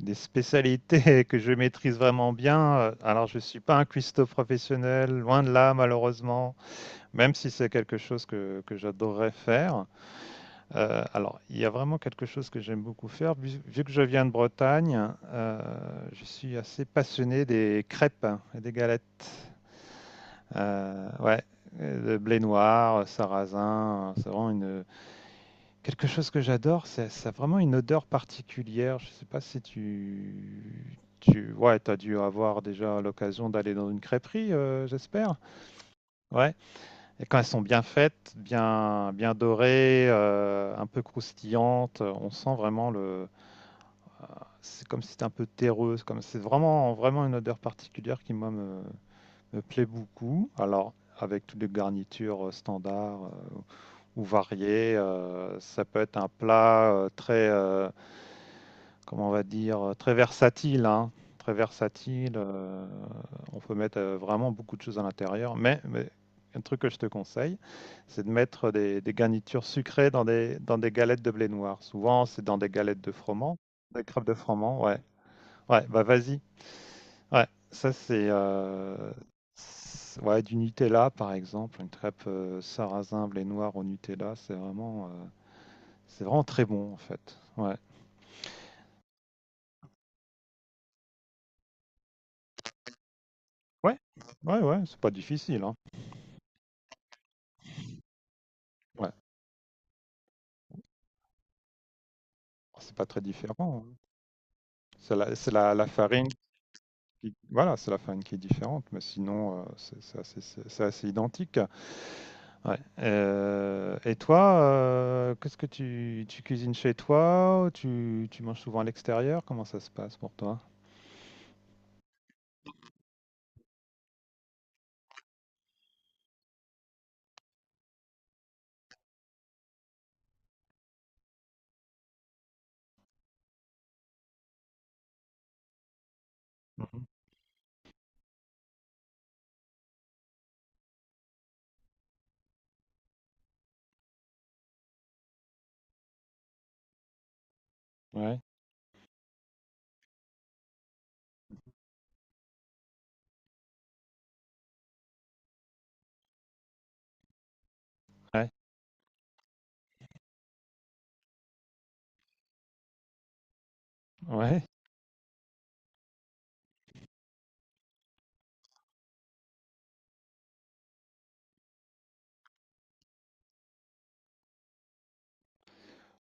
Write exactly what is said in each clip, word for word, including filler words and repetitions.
Des spécialités que je maîtrise vraiment bien. Alors, je ne suis pas un cuistot professionnel, loin de là, malheureusement, même si c'est quelque chose que, que j'adorerais faire. Euh, alors, il y a vraiment quelque chose que j'aime beaucoup faire. Vu, vu que je viens de Bretagne, euh, je suis assez passionné des crêpes, hein, et des galettes. Euh, ouais, le blé noir, sarrasin, euh, c'est vraiment une... Quelque chose que j'adore, c'est ça, a vraiment une odeur particulière. Je sais pas si tu tu ouais, t'as dû avoir déjà l'occasion d'aller dans une crêperie, euh, j'espère. Ouais. Et quand elles sont bien faites, bien bien dorées, euh, un peu croustillantes, on sent vraiment le... c'est comme si c'était un peu terreux, c'est comme c'est vraiment vraiment une odeur particulière qui moi me, me plaît beaucoup. Alors, avec toutes les garnitures euh, standards euh, ou variées. Euh, ça peut être un plat euh, très, euh, comment on va dire, euh, très versatile, hein, très versatile. Euh, on peut mettre euh, vraiment beaucoup de choses à l'intérieur. Mais, mais un truc que je te conseille, c'est de mettre des, des garnitures sucrées dans des, dans des galettes de blé noir. Souvent, c'est dans des galettes de froment, des crêpes de froment. Ouais, ouais, bah vas-y. Ouais, ça c'est euh, c'est- ouais, du Nutella par exemple, une crêpe euh, sarrasin blé noir au Nutella, c'est vraiment, euh, c'est vraiment très bon en fait. Ouais. Ouais. Ouais, ouais, c'est pas difficile, hein. Ouais. Ah, c'est pas très différent, hein. C'est la, c'est la, la farine qui, voilà, c'est la farine qui est différente, mais sinon, euh, c'est c'est assez, c'est- c'est assez identique. Ouais. Euh, et toi, euh, qu'est-ce que tu, tu cuisines chez toi? Ou Tu, tu manges souvent à l'extérieur? Comment ça se passe pour toi? Mhm. Ouais, ouais. Ouais,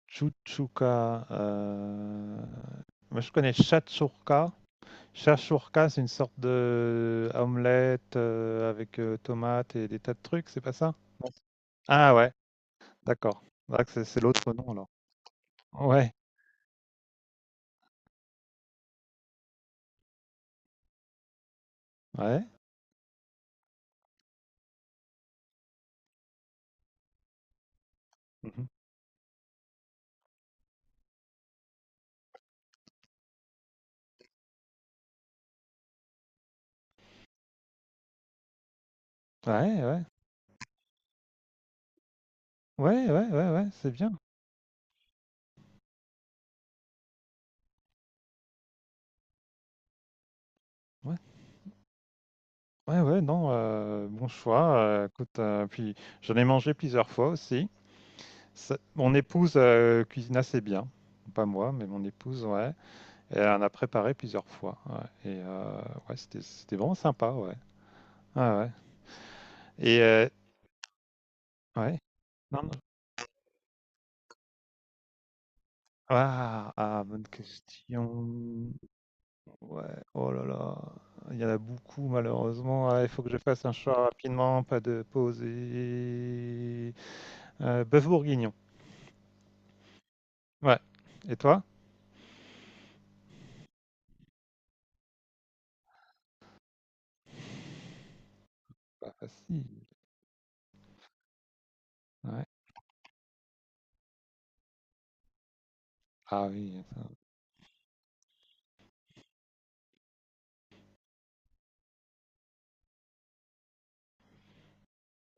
Chuchuka. euh, Moi, je connais Shatsouka. Shatsouka, c'est une sorte de euh, omelette euh, avec euh, tomates et des tas de trucs, c'est pas ça? Non. Ah ouais, d'accord. Ah, c'est c'est l'autre nom alors. Ouais, ouais, mhm. Ouais, ouais, ouais, ouais, ouais, ouais, c'est bien. Ouais, ouais, ouais, non, euh, bon choix. Euh, écoute, euh, puis j'en ai mangé plusieurs fois aussi. Ça... mon épouse euh, cuisine assez bien, pas moi, mais mon épouse, ouais. Et elle a préparé plusieurs fois, ouais. Et euh, ouais, c'était, c'était vraiment sympa, ouais. Ah ouais. Et euh, ouais. Non, non. Ah, ah, bonne question. Ouais, oh là là. Il y en a beaucoup, malheureusement. Ah, il faut que je fasse un choix rapidement, pas de pause. Et... Euh, bœuf bourguignon. Ouais. Et toi? Pas facile. Ouais. Ah oui, attends.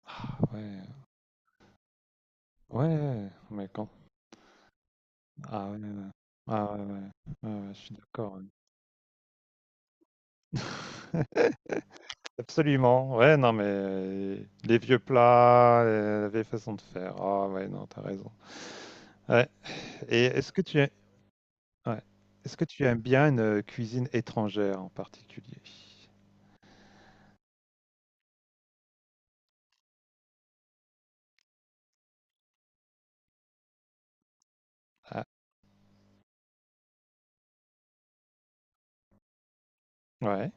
Ah ouais. Ouais, mais quand? Ah ouais, ouais. Ah ouais, ouais. Ouais, ouais, je suis d'accord, ouais. Absolument, ouais, non, mais euh, les vieux plats, euh, la vieille façon de faire. Ah, ouais, non, t'as raison. Ouais. Et est-ce que tu es... ouais. Est-ce que tu aimes bien une euh, cuisine étrangère en particulier? Ah, ouais.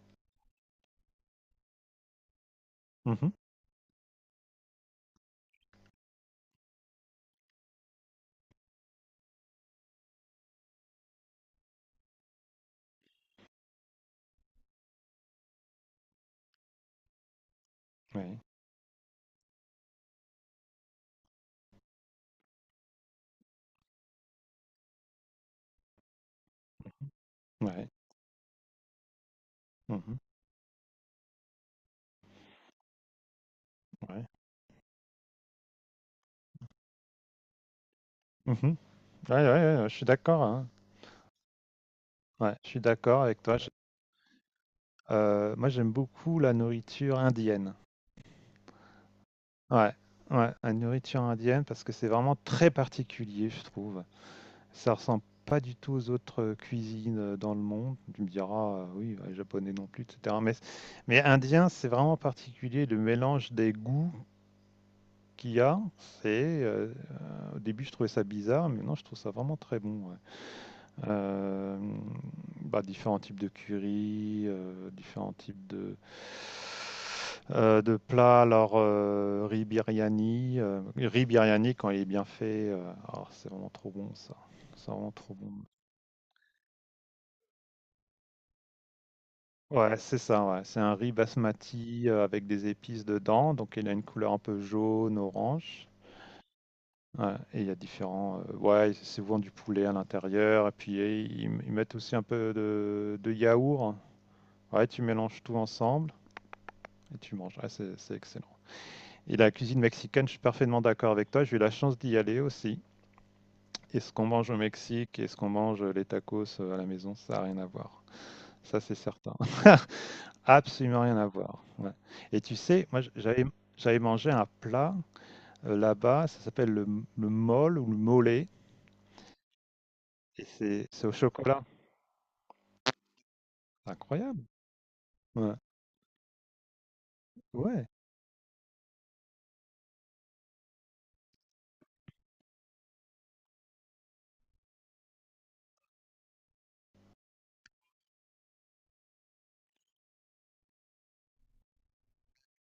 Mhm. Ouais. Ouais. Mhm. Ouais. Mhm. Ouais, ouais, ouais, ouais, je suis d'accord, hein. Ouais, je suis d'accord avec toi. Je... euh, moi, j'aime beaucoup la nourriture indienne. Ouais. Ouais, la nourriture indienne, parce que c'est vraiment très particulier, je trouve. Ça ressemble pas du tout aux autres euh, cuisines euh, dans le monde. Tu me diras, euh, oui, ouais, japonais non plus, et cetera. Mais, mais indien, c'est vraiment particulier, le mélange des goûts qu'il y a. C'est, euh, euh, au début, je trouvais ça bizarre, mais non, je trouve ça vraiment très bon, ouais. Euh, bah, différents types de curry, euh, différents types de, euh, de plats. Alors, euh, riz biryani, euh, riz biryani quand il est bien fait, euh, alors, c'est vraiment trop bon, ça. C'est vraiment trop bon. Ouais, c'est ça, ouais. C'est un riz basmati, heu, avec des épices dedans, donc il a une couleur un peu jaune, orange. Ouais, et il y a différents, heu, ouais, c'est souvent du poulet à l'intérieur et puis et ils ils mettent aussi un peu de de yaourt. Ouais, tu mélanges tout ensemble et tu manges. Ouais, c'est c'est excellent. Et la cuisine mexicaine, je suis parfaitement d'accord avec toi. J'ai eu la chance d'y aller aussi, et ce qu'on mange au Mexique et ce qu'on mange, euh, les tacos, heu, à la maison, ça a rien à voir. Ça, c'est certain. Absolument rien à voir. Ouais. Et tu sais, moi, j- j'avais, j'avais mangé un plat euh, là-bas, ça s'appelle le, m- le mole ou le mollet, et c'est c'est au chocolat. C'est incroyable. Ouais. Ouais.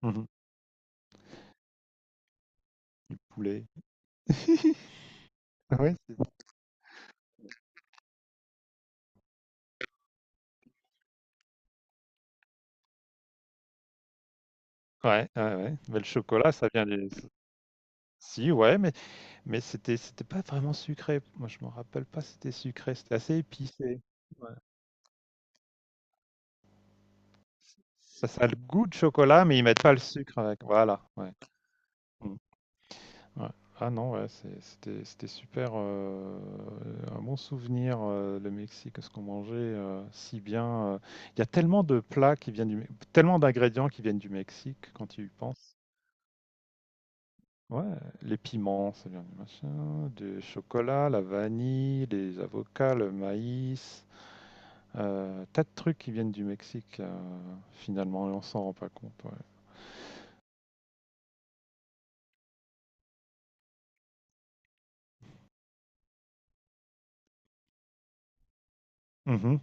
Mhm. Du poulet. Ouais, c'est... ouais, ouais, ouais. Mais le chocolat, ça vient du... Si, ouais, mais, mais c'était, c'était pas vraiment sucré. Moi, je me rappelle pas si c'était sucré. C'était assez épicé. Ouais. Ça, ça a le goût de chocolat, mais ils mettent pas le sucre avec. Voilà. Ouais. Mm. Ouais. Ah non, ouais, c'est... c'était, c'était super, euh, un bon souvenir, euh, le Mexique, ce qu'on mangeait euh, si bien. euh. Il y a tellement de plats qui viennent du, Me- tellement d'ingrédients qui viennent du Mexique quand tu y penses. Ouais, les piments, ça vient du machin, du chocolat, la vanille, les avocats, le maïs, euh, tas de trucs qui viennent du Mexique euh, finalement, et on s'en rend pas compte. Ouais. Mhm.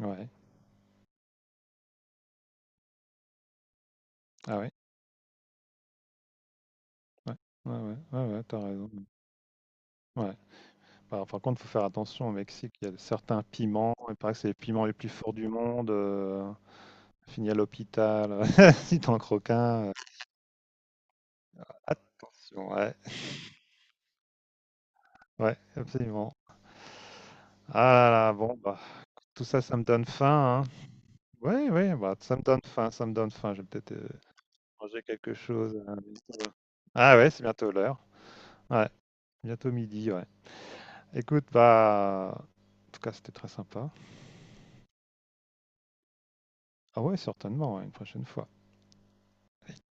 Ouais. Ah ouais. Ouais. Ouais, ouais, ouais, ouais, t'as raison. Ouais. Par par contre, il faut faire attention au Mexique, il y a certains piments, il paraît que c'est les piments les plus forts du monde, heu, fini à l'hôpital, si tu en croques un, heu, attention, ouais, ouais, absolument. Ah là là, bon, bah, tout ça, ça me donne faim, hein. Oui, oui, bah, ça me donne faim, ça me donne faim, je vais peut-être, heu, manger quelque chose, heu, bientôt. Ah ouais, c'est bientôt l'heure, ouais, bientôt midi, ouais. Écoute, bah, en tout cas, c'était très sympa. Ah ouais, certainement, ouais, une prochaine fois.